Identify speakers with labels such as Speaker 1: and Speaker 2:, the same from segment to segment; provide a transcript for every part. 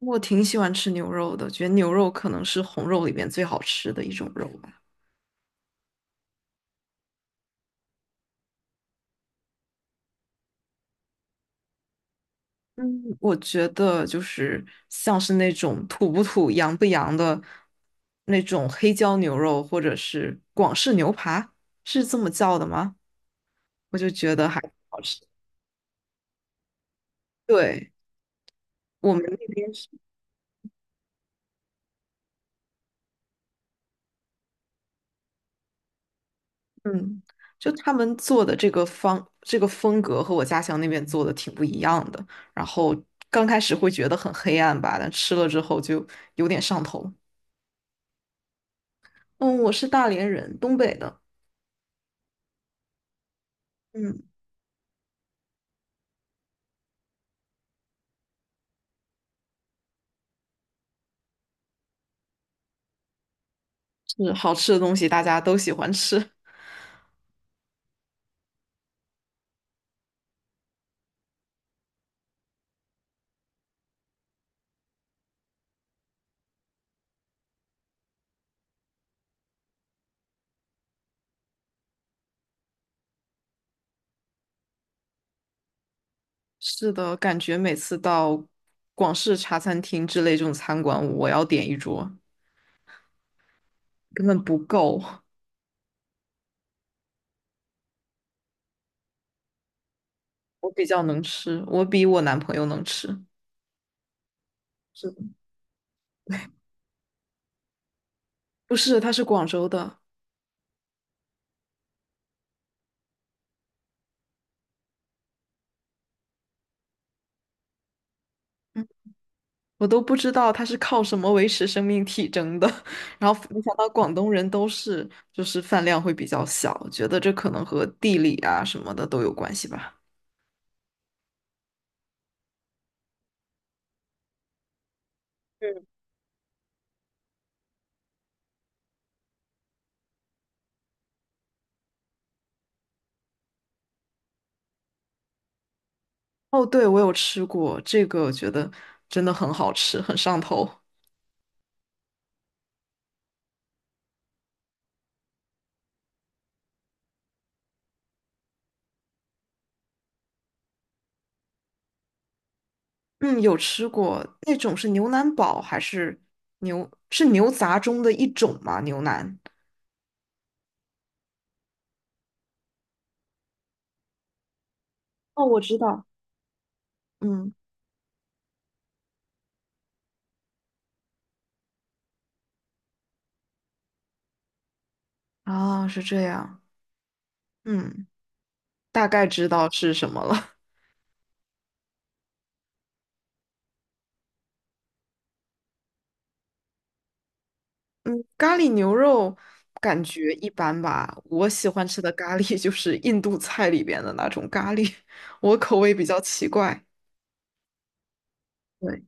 Speaker 1: 我挺喜欢吃牛肉的，觉得牛肉可能是红肉里面最好吃的一种肉吧。嗯，我觉得就是像是那种土不土、洋不洋的那种黑椒牛肉，或者是广式牛扒，是这么叫的吗？我就觉得还挺好吃。对，我们那边是，嗯，就他们做的这个方这个风格和我家乡那边做的挺不一样的。然后刚开始会觉得很黑暗吧，但吃了之后就有点上头。嗯，我是大连人，东北的。嗯，是好吃的东西，大家都喜欢吃。是的，感觉每次到广式茶餐厅之类这种餐馆，我要点一桌，根本不够。我比较能吃，我比我男朋友能吃。是的。不是，他是广州的。嗯，我都不知道他是靠什么维持生命体征的。然后没想到广东人都是就是饭量会比较小，觉得这可能和地理啊什么的都有关系吧。哦，对，我有吃过这个，我觉得真的很好吃，很上头。嗯，有吃过，那种是牛腩煲还是是牛杂中的一种吗？牛腩。哦，我知道。嗯，啊，是这样。嗯，大概知道是什么了。嗯，咖喱牛肉感觉一般吧。我喜欢吃的咖喱 就是印度菜里边的那种咖喱，我口味比较奇怪。对，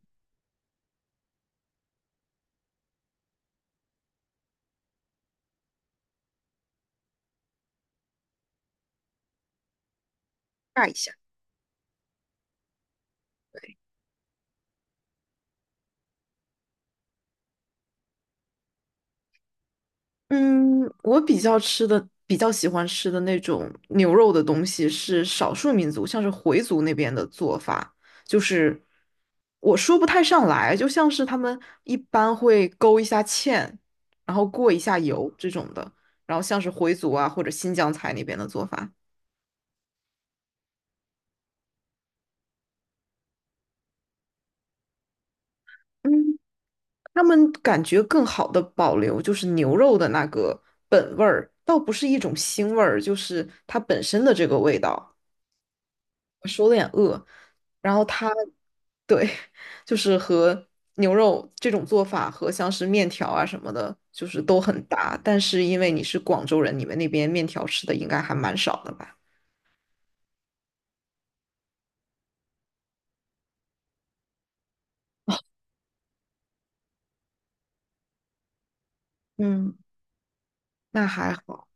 Speaker 1: 尬一下。嗯，我比较吃的比较喜欢吃的那种牛肉的东西是少数民族，像是回族那边的做法，就是我说不太上来，就像是他们一般会勾一下芡，然后过一下油这种的，然后像是回族啊或者新疆菜那边的做法。嗯，他们感觉更好的保留就是牛肉的那个本味儿，倒不是一种腥味儿，就是它本身的这个味道。我手有点饿，然后它对，就是和牛肉这种做法和像是面条啊什么的，就是都很搭。但是因为你是广州人，你们那边面条吃的应该还蛮少的吧？嗯，那还好，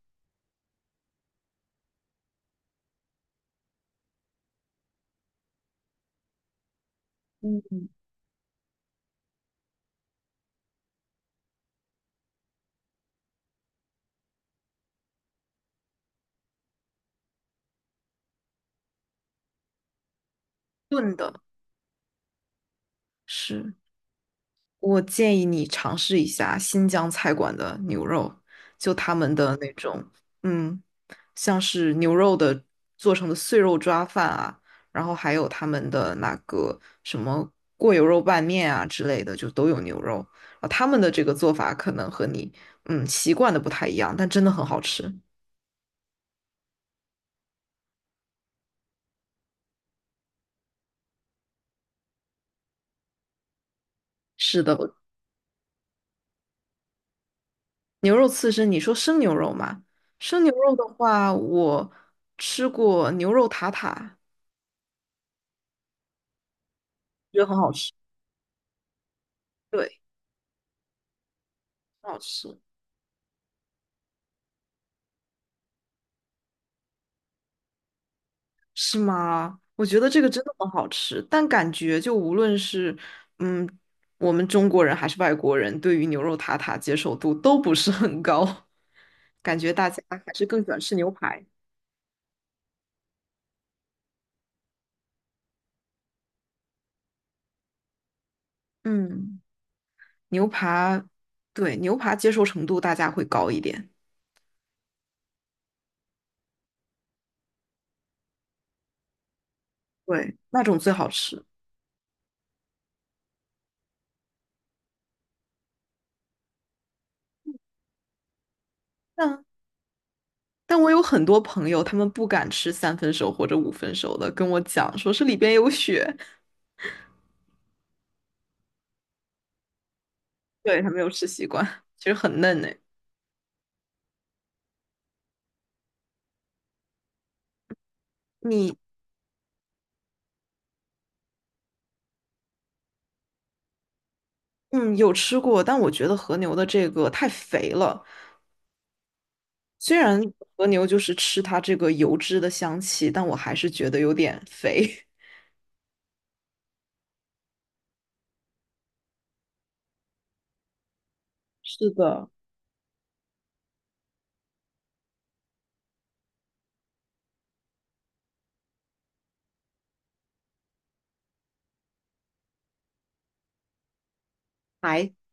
Speaker 1: 炖的是。我建议你尝试一下新疆菜馆的牛肉，就他们的那种，嗯，像是牛肉的做成的碎肉抓饭啊，然后还有他们的那个什么过油肉拌面啊之类的，就都有牛肉。啊，他们的这个做法可能和你习惯的不太一样，但真的很好吃。是的，我牛肉刺身，你说生牛肉吗？生牛肉的话，我吃过牛肉塔塔，觉得很好吃。对，很好吃。是吗？我觉得这个真的很好吃，但感觉就无论是嗯，我们中国人还是外国人，对于牛肉塔塔接受度都不是很高，感觉大家还是更喜欢吃牛排。嗯，牛排，对，牛排接受程度大家会高一点。对，那种最好吃。但但我有很多朋友，他们不敢吃三分熟或者五分熟的，跟我讲说是里边有血。对，他没有吃习惯，其实很嫩呢。你。嗯，有吃过，但我觉得和牛的这个太肥了。虽然和牛就是吃它这个油脂的香气，但我还是觉得有点肥。是的，还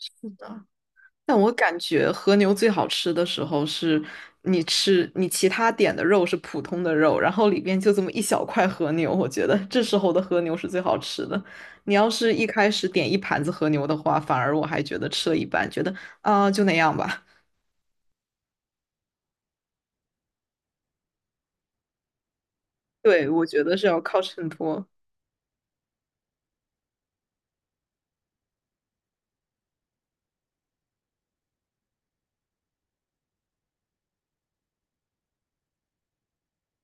Speaker 1: 是的。但我感觉和牛最好吃的时候是，你吃你其他点的肉是普通的肉，然后里边就这么一小块和牛，我觉得这时候的和牛是最好吃的。你要是一开始点一盘子和牛的话，反而我还觉得吃了一半，觉得啊、就那样吧。对，我觉得是要靠衬托。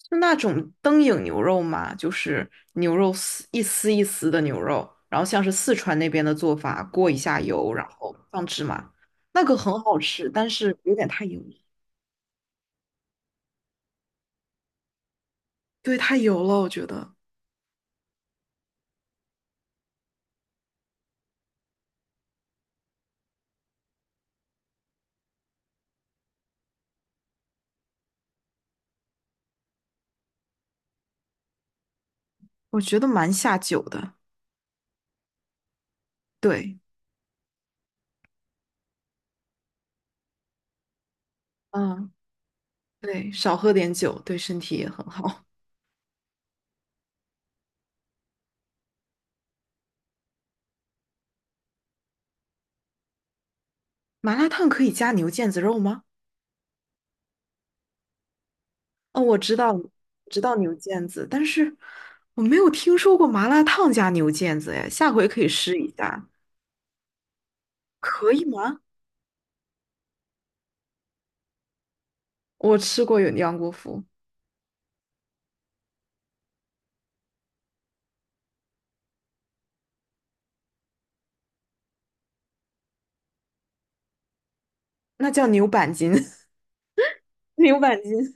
Speaker 1: 就那种灯影牛肉嘛，就是牛肉丝一丝一丝的牛肉，然后像是四川那边的做法，过一下油，然后放芝麻，那个很好吃，但是有点太油了。对，太油了，我觉得，我觉得蛮下酒的。对，嗯，对，少喝点酒对身体也很好。麻辣烫可以加牛腱子肉吗？哦，我知道，知道牛腱子，但是我没有听说过麻辣烫加牛腱子，哎，下回可以试一下，可以吗？我吃过有杨国福，那叫牛板筋，牛板筋。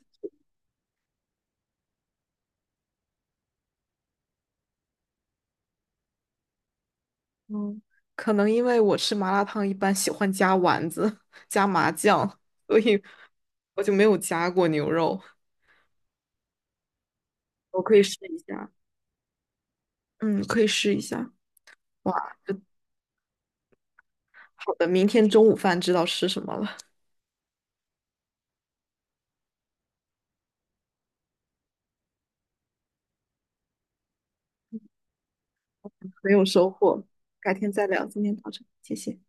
Speaker 1: 嗯，可能因为我吃麻辣烫一般喜欢加丸子、加麻酱，所以我就没有加过牛肉。我可以试一下。嗯，可以试一下。哇，这好的，明天中午饭知道吃什么了，很有收获。改天再聊，今天到这，谢谢。